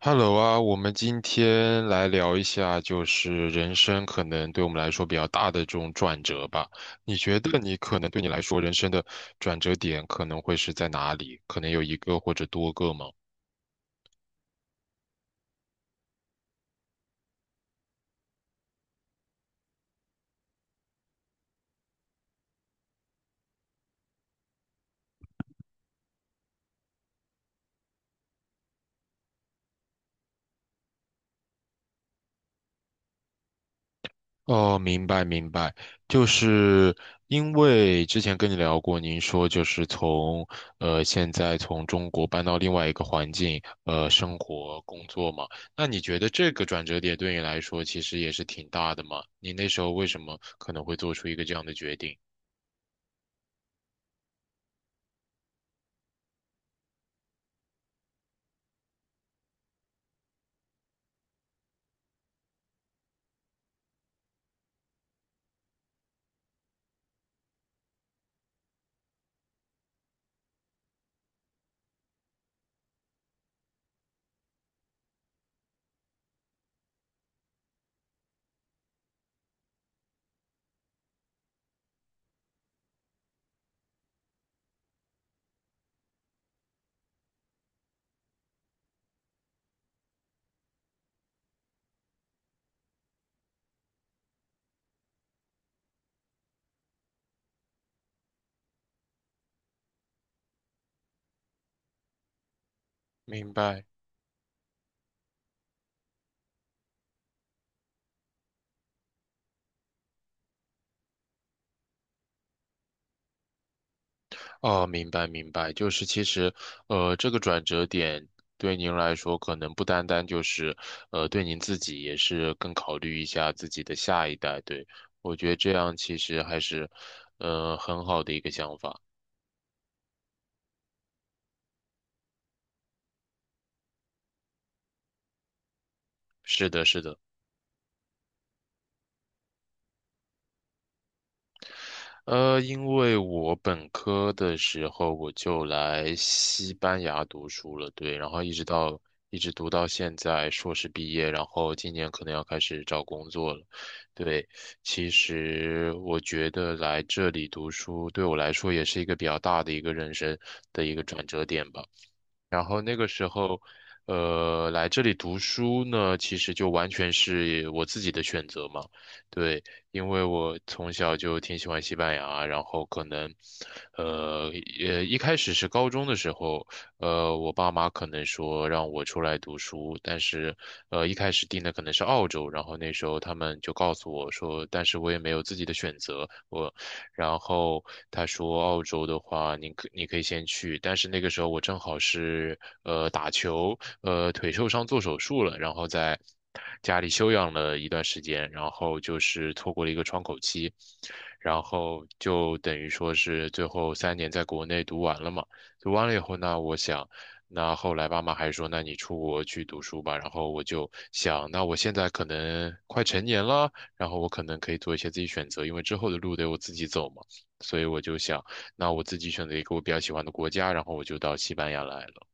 Hello 啊，我们今天来聊一下，就是人生可能对我们来说比较大的这种转折吧。你觉得你可能对你来说人生的转折点可能会是在哪里？可能有一个或者多个吗？哦，明白明白，就是因为之前跟你聊过，您说就是从现在从中国搬到另外一个环境，生活工作嘛，那你觉得这个转折点对你来说其实也是挺大的嘛？你那时候为什么可能会做出一个这样的决定？明白。哦，明白明白，就是其实，这个转折点对您来说，可能不单单就是，对您自己也是更考虑一下自己的下一代。对，我觉得这样其实还是，很好的一个想法。是的，是的。因为我本科的时候我就来西班牙读书了，对，然后一直到一直读到现在硕士毕业，然后今年可能要开始找工作了。对，其实我觉得来这里读书对我来说也是一个比较大的一个人生的一个转折点吧。然后那个时候，来这里读书呢，其实就完全是我自己的选择嘛。对，因为我从小就挺喜欢西班牙，然后可能，呃，一开始是高中的时候，我爸妈可能说让我出来读书，但是，一开始定的可能是澳洲，然后那时候他们就告诉我说，但是我也没有自己的选择，我。然后他说澳洲的话，你可以先去，但是那个时候我正好是打球，腿受伤做手术了，然后在家里休养了一段时间，然后就是错过了一个窗口期，然后就等于说是最后3年在国内读完了嘛，读完了以后呢，我想。那后来爸妈还说，那你出国去读书吧。然后我就想，那我现在可能快成年了，然后我可能可以做一些自己选择，因为之后的路得我自己走嘛。所以我就想，那我自己选择一个我比较喜欢的国家，然后我就到西班牙来了。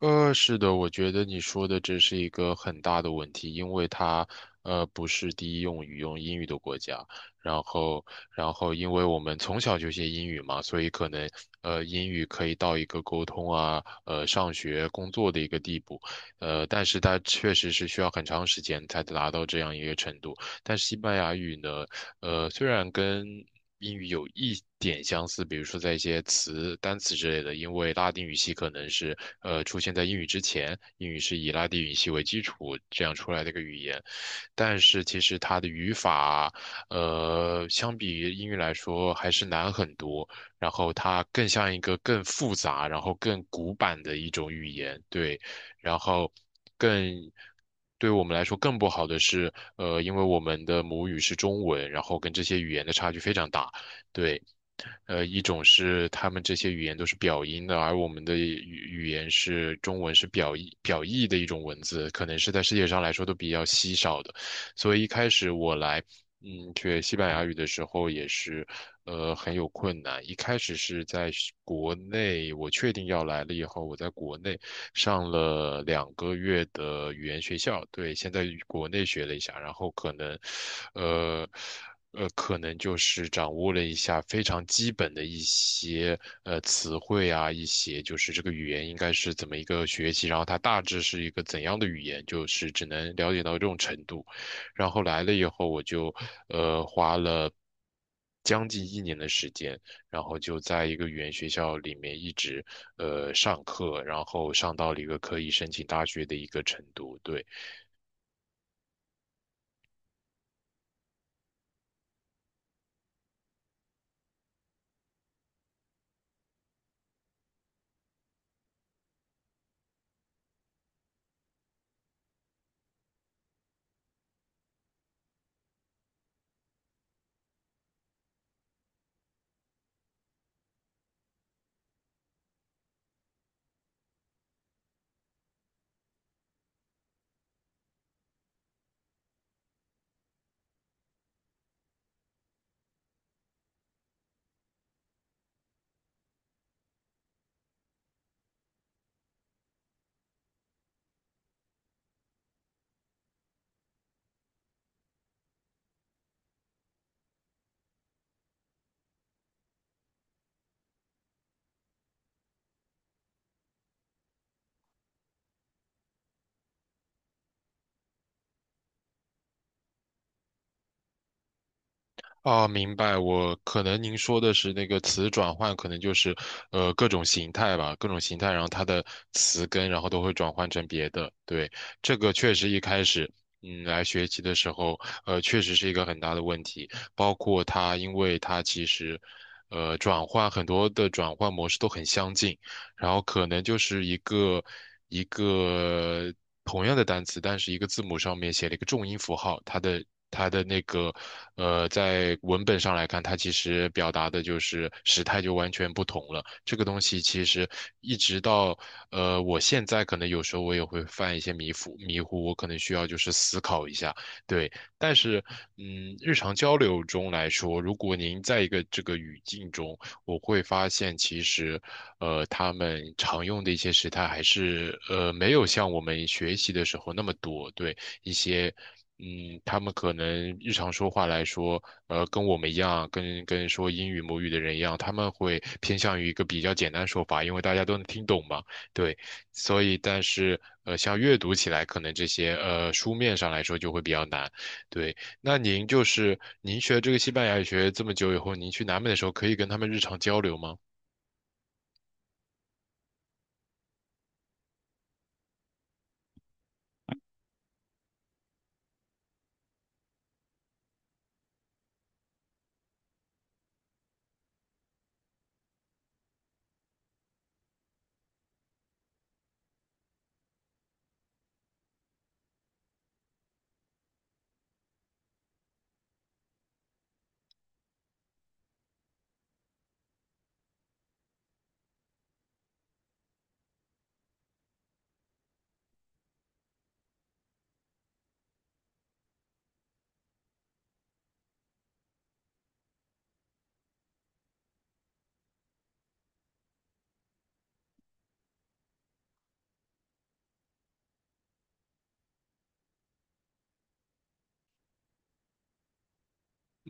是的，我觉得你说的这是一个很大的问题，因为它不是第一用语用英语的国家，然后因为我们从小就学英语嘛，所以可能英语可以到一个沟通啊，上学工作的一个地步，但是它确实是需要很长时间才达到这样一个程度。但是西班牙语呢，虽然跟英语有一点相似，比如说在一些词、单词之类的，因为拉丁语系可能是出现在英语之前，英语是以拉丁语系为基础这样出来的一个语言，但是其实它的语法，相比于英语来说还是难很多，然后它更像一个更复杂，然后更古板的一种语言，对，然后更。对我们来说更不好的是，因为我们的母语是中文，然后跟这些语言的差距非常大。对，一种是他们这些语言都是表音的，而我们的语言是中文是表意的一种文字，可能是在世界上来说都比较稀少的。所以一开始我来，嗯，学西班牙语的时候也是，很有困难。一开始是在国内，我确定要来了以后，我在国内上了2个月的语言学校，对，先在国内学了一下，然后可能，呃。可能就是掌握了一下非常基本的一些词汇啊，一些就是这个语言应该是怎么一个学习，然后它大致是一个怎样的语言，就是只能了解到这种程度。然后来了以后，我就花了将近1年的时间，然后就在一个语言学校里面一直上课，然后上到了一个可以申请大学的一个程度，对。啊，明白。我可能您说的是那个词转换，可能就是各种形态吧，各种形态，然后它的词根，然后都会转换成别的。对，这个确实一开始，嗯，来学习的时候，确实是一个很大的问题。包括它，因为它其实，转换很多的转换模式都很相近，然后可能就是一个同样的单词，但是一个字母上面写了一个重音符号，它的那个在文本上来看，它其实表达的就是时态就完全不同了。这个东西其实一直到我现在可能有时候我也会犯一些迷糊，我可能需要就是思考一下，对。但是嗯，日常交流中来说，如果您在一个这个语境中。我会发现其实，他们常用的一些时态还是没有像我们学习的时候那么多。对一些，嗯，他们可能日常说话来说，跟我们一样，跟说英语母语的人一样，他们会偏向于一个比较简单的说法，因为大家都能听懂嘛。对，所以但是像阅读起来，可能这些书面上来说就会比较难。对。那您就是您学这个西班牙语学这么久以后，您去南美的时候可以跟他们日常交流吗？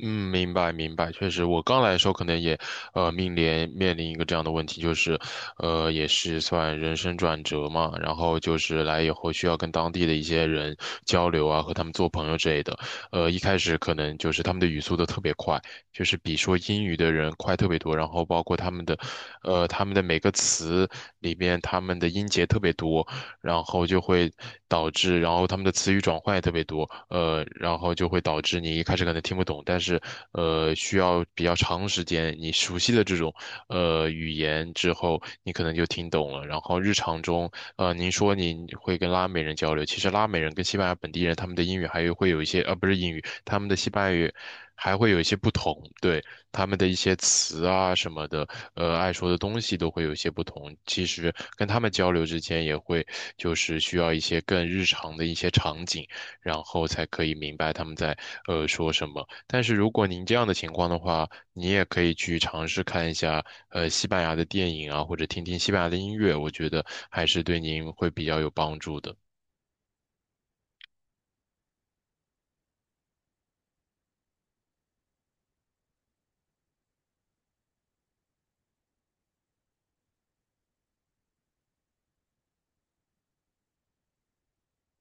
嗯，明白明白，确实，我刚来的时候可能也，面临一个这样的问题，就是，也是算人生转折嘛，然后就是来以后需要跟当地的一些人交流啊，和他们做朋友之类的，一开始可能就是他们的语速都特别快，就是比说英语的人快特别多，然后包括他们的，他们的每个词里面他们的音节特别多，然后就会导致，然后他们的词语转换也特别多，然后就会导致你一开始可能听不懂，但是需要比较长时间，你熟悉的这种语言之后，你可能就听懂了。然后日常中，您说您会跟拉美人交流，其实拉美人跟西班牙本地人他们的英语还有会有一些，不是英语，他们的西班牙语还会有一些不同，对。他们的一些词啊什么的，爱说的东西都会有一些不同。其实跟他们交流之间也会，就是需要一些更日常的一些场景，然后才可以明白他们在说什么。但是如果您这样的情况的话，你也可以去尝试看一下西班牙的电影啊，或者听听西班牙的音乐，我觉得还是对您会比较有帮助的。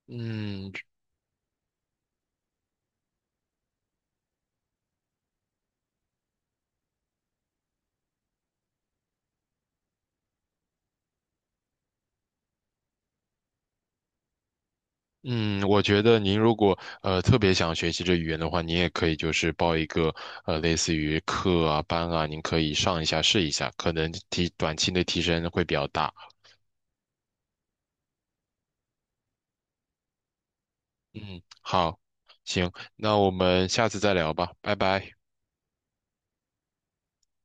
嗯，嗯，我觉得您如果特别想学习这语言的话，您也可以就是报一个类似于课啊班啊，您可以上一下试一下，可能提短期内提升会比较大。嗯，好，行，那我们下次再聊吧，拜拜。